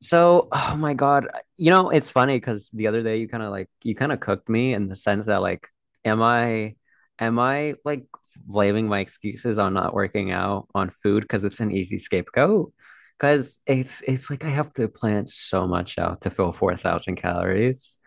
So, oh my God, it's funny because the other day you kind of cooked me in the sense that like, am I, am I like blaming my excuses on not working out on food because it's an easy scapegoat? Because it's like I have to plan so much out to fill 4,000 calories.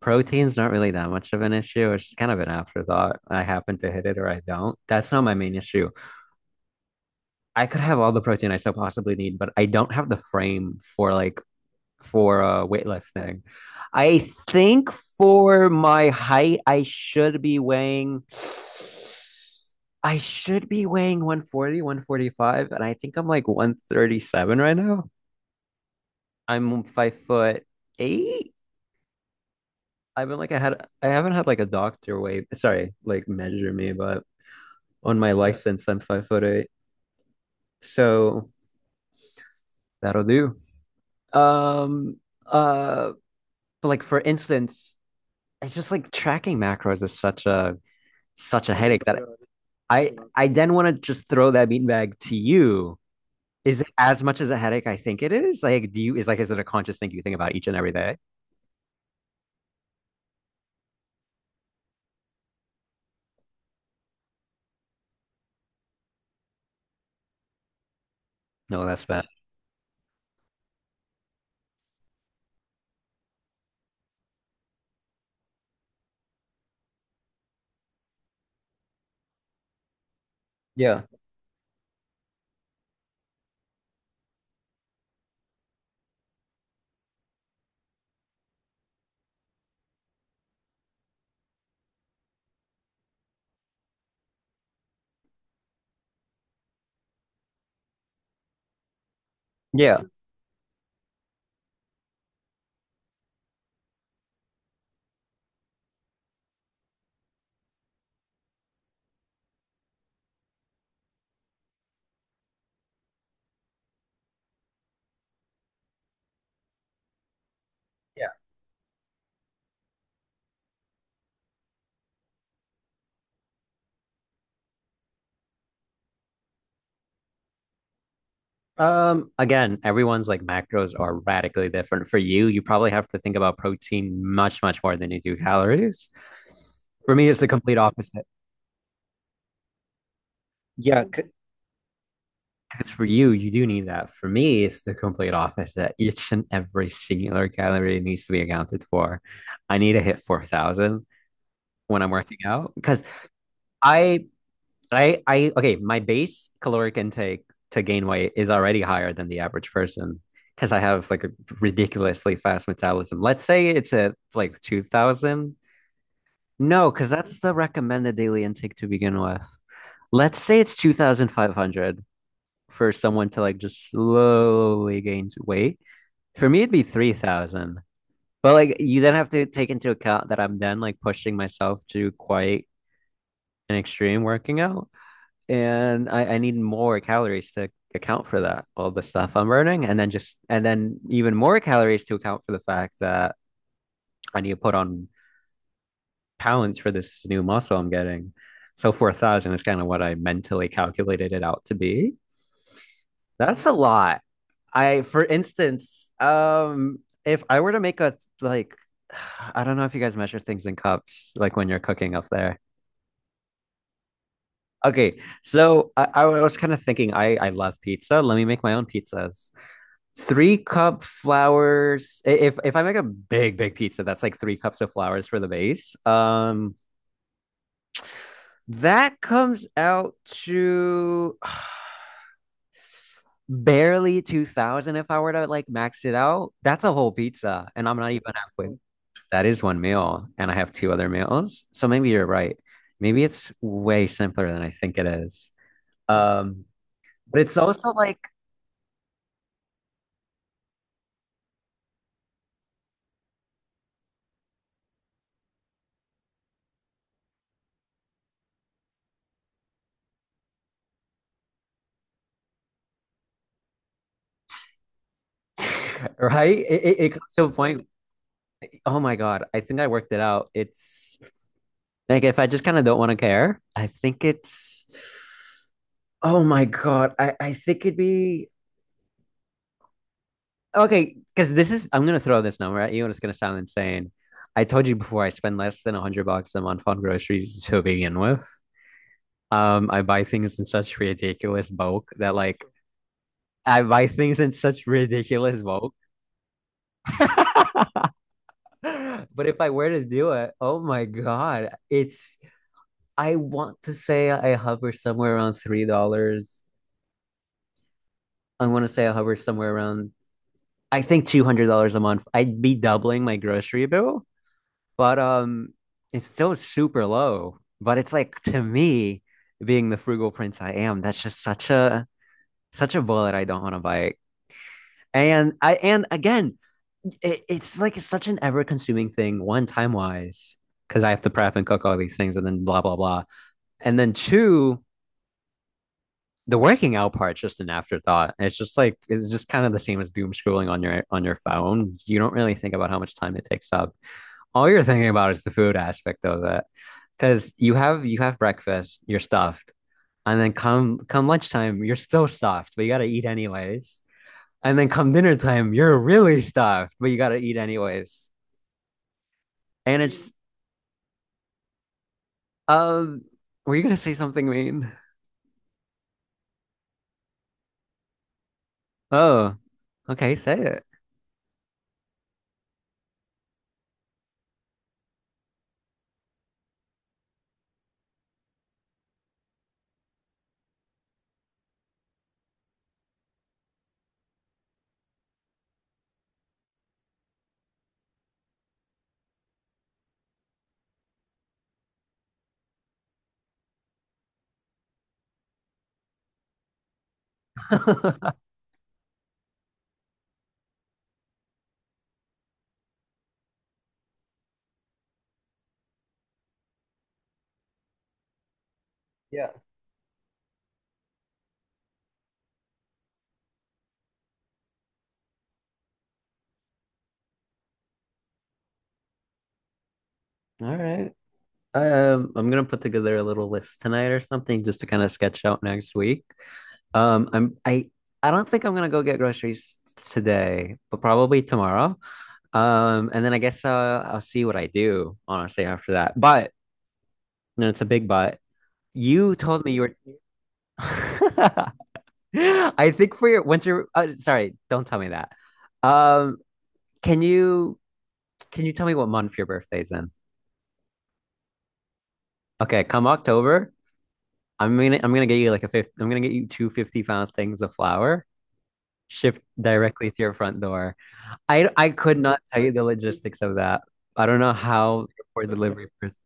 Protein's not really that much of an issue. It's kind of an afterthought. I happen to hit it or I don't. That's not my main issue. I could have all the protein I so possibly need, but I don't have the frame for weightlifting. I think for my height, I should be weighing 140, 145, and I think I'm like 137 right now. I'm 5 foot eight. I've been like I had I haven't had like a doctor weigh, sorry, like measure me, but on my license I'm 5 foot eight. So that'll do. Um uh but like for instance, it's just like tracking macros is such a headache that I then want to just throw that beanbag to you. Is it as much as a headache I think it is? Like, is it a conscious thing you think about each and every day? No, that's bad. Yeah. Yeah. Yeah. Again, everyone's like macros are radically different. For you, you probably have to think about protein much, much more than you do calories. For me, it's the complete opposite. Yeah. Because for you, you do need that. For me, it's the complete opposite. Each and every singular calorie needs to be accounted for. I need to hit 4,000 when I'm working out because I, okay, my base caloric intake to gain weight is already higher than the average person because I have like a ridiculously fast metabolism. Let's say it's at like 2,000. No, because that's the recommended daily intake to begin with. Let's say it's 2,500 for someone to like just slowly gain weight. For me, it'd be 3,000. But like you then have to take into account that I'm then like pushing myself to quite an extreme working out. And I need more calories to account for that, all the stuff I'm burning. And then just, and then even more calories to account for the fact that I need to put on pounds for this new muscle I'm getting. So 4,000 is kind of what I mentally calculated it out to be. That's a lot. I, for instance, if I were to make a like, I don't know if you guys measure things in cups, like when you're cooking up there. Okay, so I was kind of thinking, I love pizza. Let me make my own pizzas. Three cup flours. If I make a big pizza, that's like 3 cups of flours for the base. That comes out to barely 2,000. If I were to like max it out, that's a whole pizza, and I'm not even halfway. That is one meal, and I have two other meals. So maybe you're right. Maybe it's way simpler than I think it is. Um, but it's also like, right? It comes to a point. Oh my God, I think I worked it out. It's like if I just kind of don't want to care, I think it's, oh my God, I think it'd be okay. Because this is, I'm going to throw this number at you and it's going to sound insane. I told you before I spend less than 100 bucks a month on groceries to begin with. I buy things in such ridiculous bulk that like I buy things in such ridiculous bulk. But if I were to do it, oh my God, it's I want to say I hover somewhere around $3. I want to say I hover somewhere around I think $200 a month. I'd be doubling my grocery bill, but it's still super low. But it's like to me, being the frugal prince I am, that's just such a bullet I don't want to bite. And again, it's like it's such an ever-consuming thing. One, time-wise, because I have to prep and cook all these things, and then blah blah blah. And then two, the working out part's just an afterthought. It's just like it's just kind of the same as doom scrolling on your phone. You don't really think about how much time it takes up. All you're thinking about is the food aspect of it, because you have breakfast, you're stuffed, and then come lunchtime, you're still stuffed, but you got to eat anyways. And then come dinner time, you're really stuffed, but you gotta eat anyways. And it's um, were you gonna say something mean? Oh, okay, say it. Yeah. All right. I'm gonna put together a little list tonight or something just to kind of sketch out next week. Um, I'm I I don't think I'm gonna go get groceries today, but probably tomorrow. And then I guess I'll see what I do honestly after that. But no, it's a big but. You told me you were. I think for your winter, sorry, don't tell me that. Um, can you can you tell me what month your birthday's in? Okay, come October, I'm gonna get you like a fifth. I'm gonna get you two 50-pound things of flour shipped directly to your front door. I could not tell you the logistics of that. I don't know how your poor delivery person.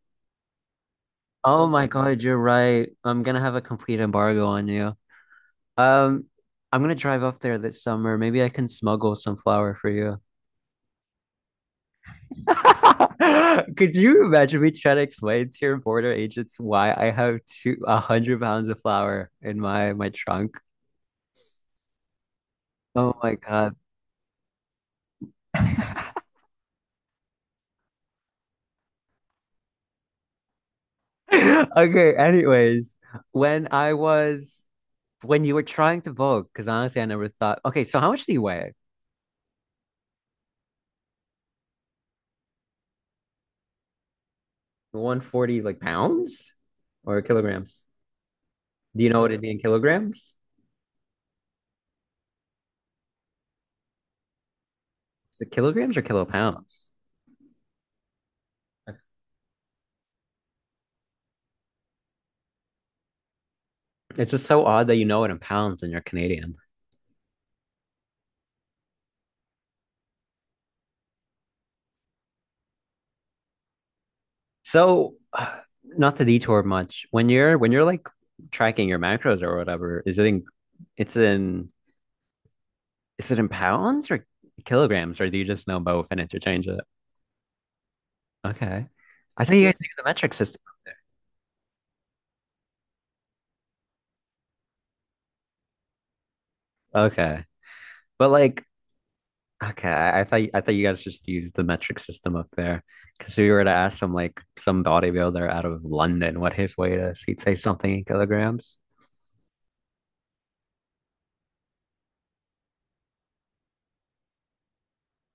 Oh my God, you're right. I'm gonna have a complete embargo on you. Um, I'm gonna drive up there this summer. Maybe I can smuggle some flour for you. Could you imagine me trying to explain to your border agents why I have two 100 pounds of flour in my trunk? Oh my God. Okay, anyways, when I was when you were trying to vote, because honestly I never thought okay, so how much do you weigh? 140 like pounds or kilograms? Do you know what it'd be in kilograms? Is it kilograms or kilopounds? It's just so odd that you know it in pounds and you're Canadian. So, not to detour much, when you're like tracking your macros or whatever, it's in is it in pounds or kilograms or do you just know both and interchange it? Okay. I thought you guys use the metric system. Okay. But like okay, I thought you guys just use the metric system up there. Cause if we were to ask some like some bodybuilder out of London what his weight is, he'd say something in kilograms.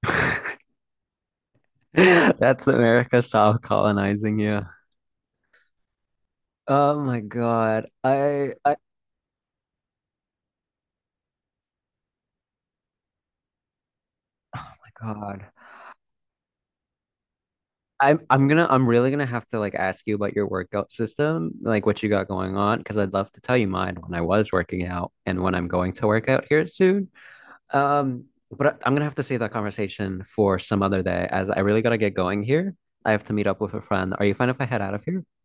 That's America soft colonizing you. Oh my God. Oh my God. I'm really gonna have to like ask you about your workout system, like what you got going on, because I'd love to tell you mine when I was working out and when I'm going to work out here soon. Um, but I'm gonna have to save that conversation for some other day, as I really gotta get going here. I have to meet up with a friend. Are you fine if I head out of here?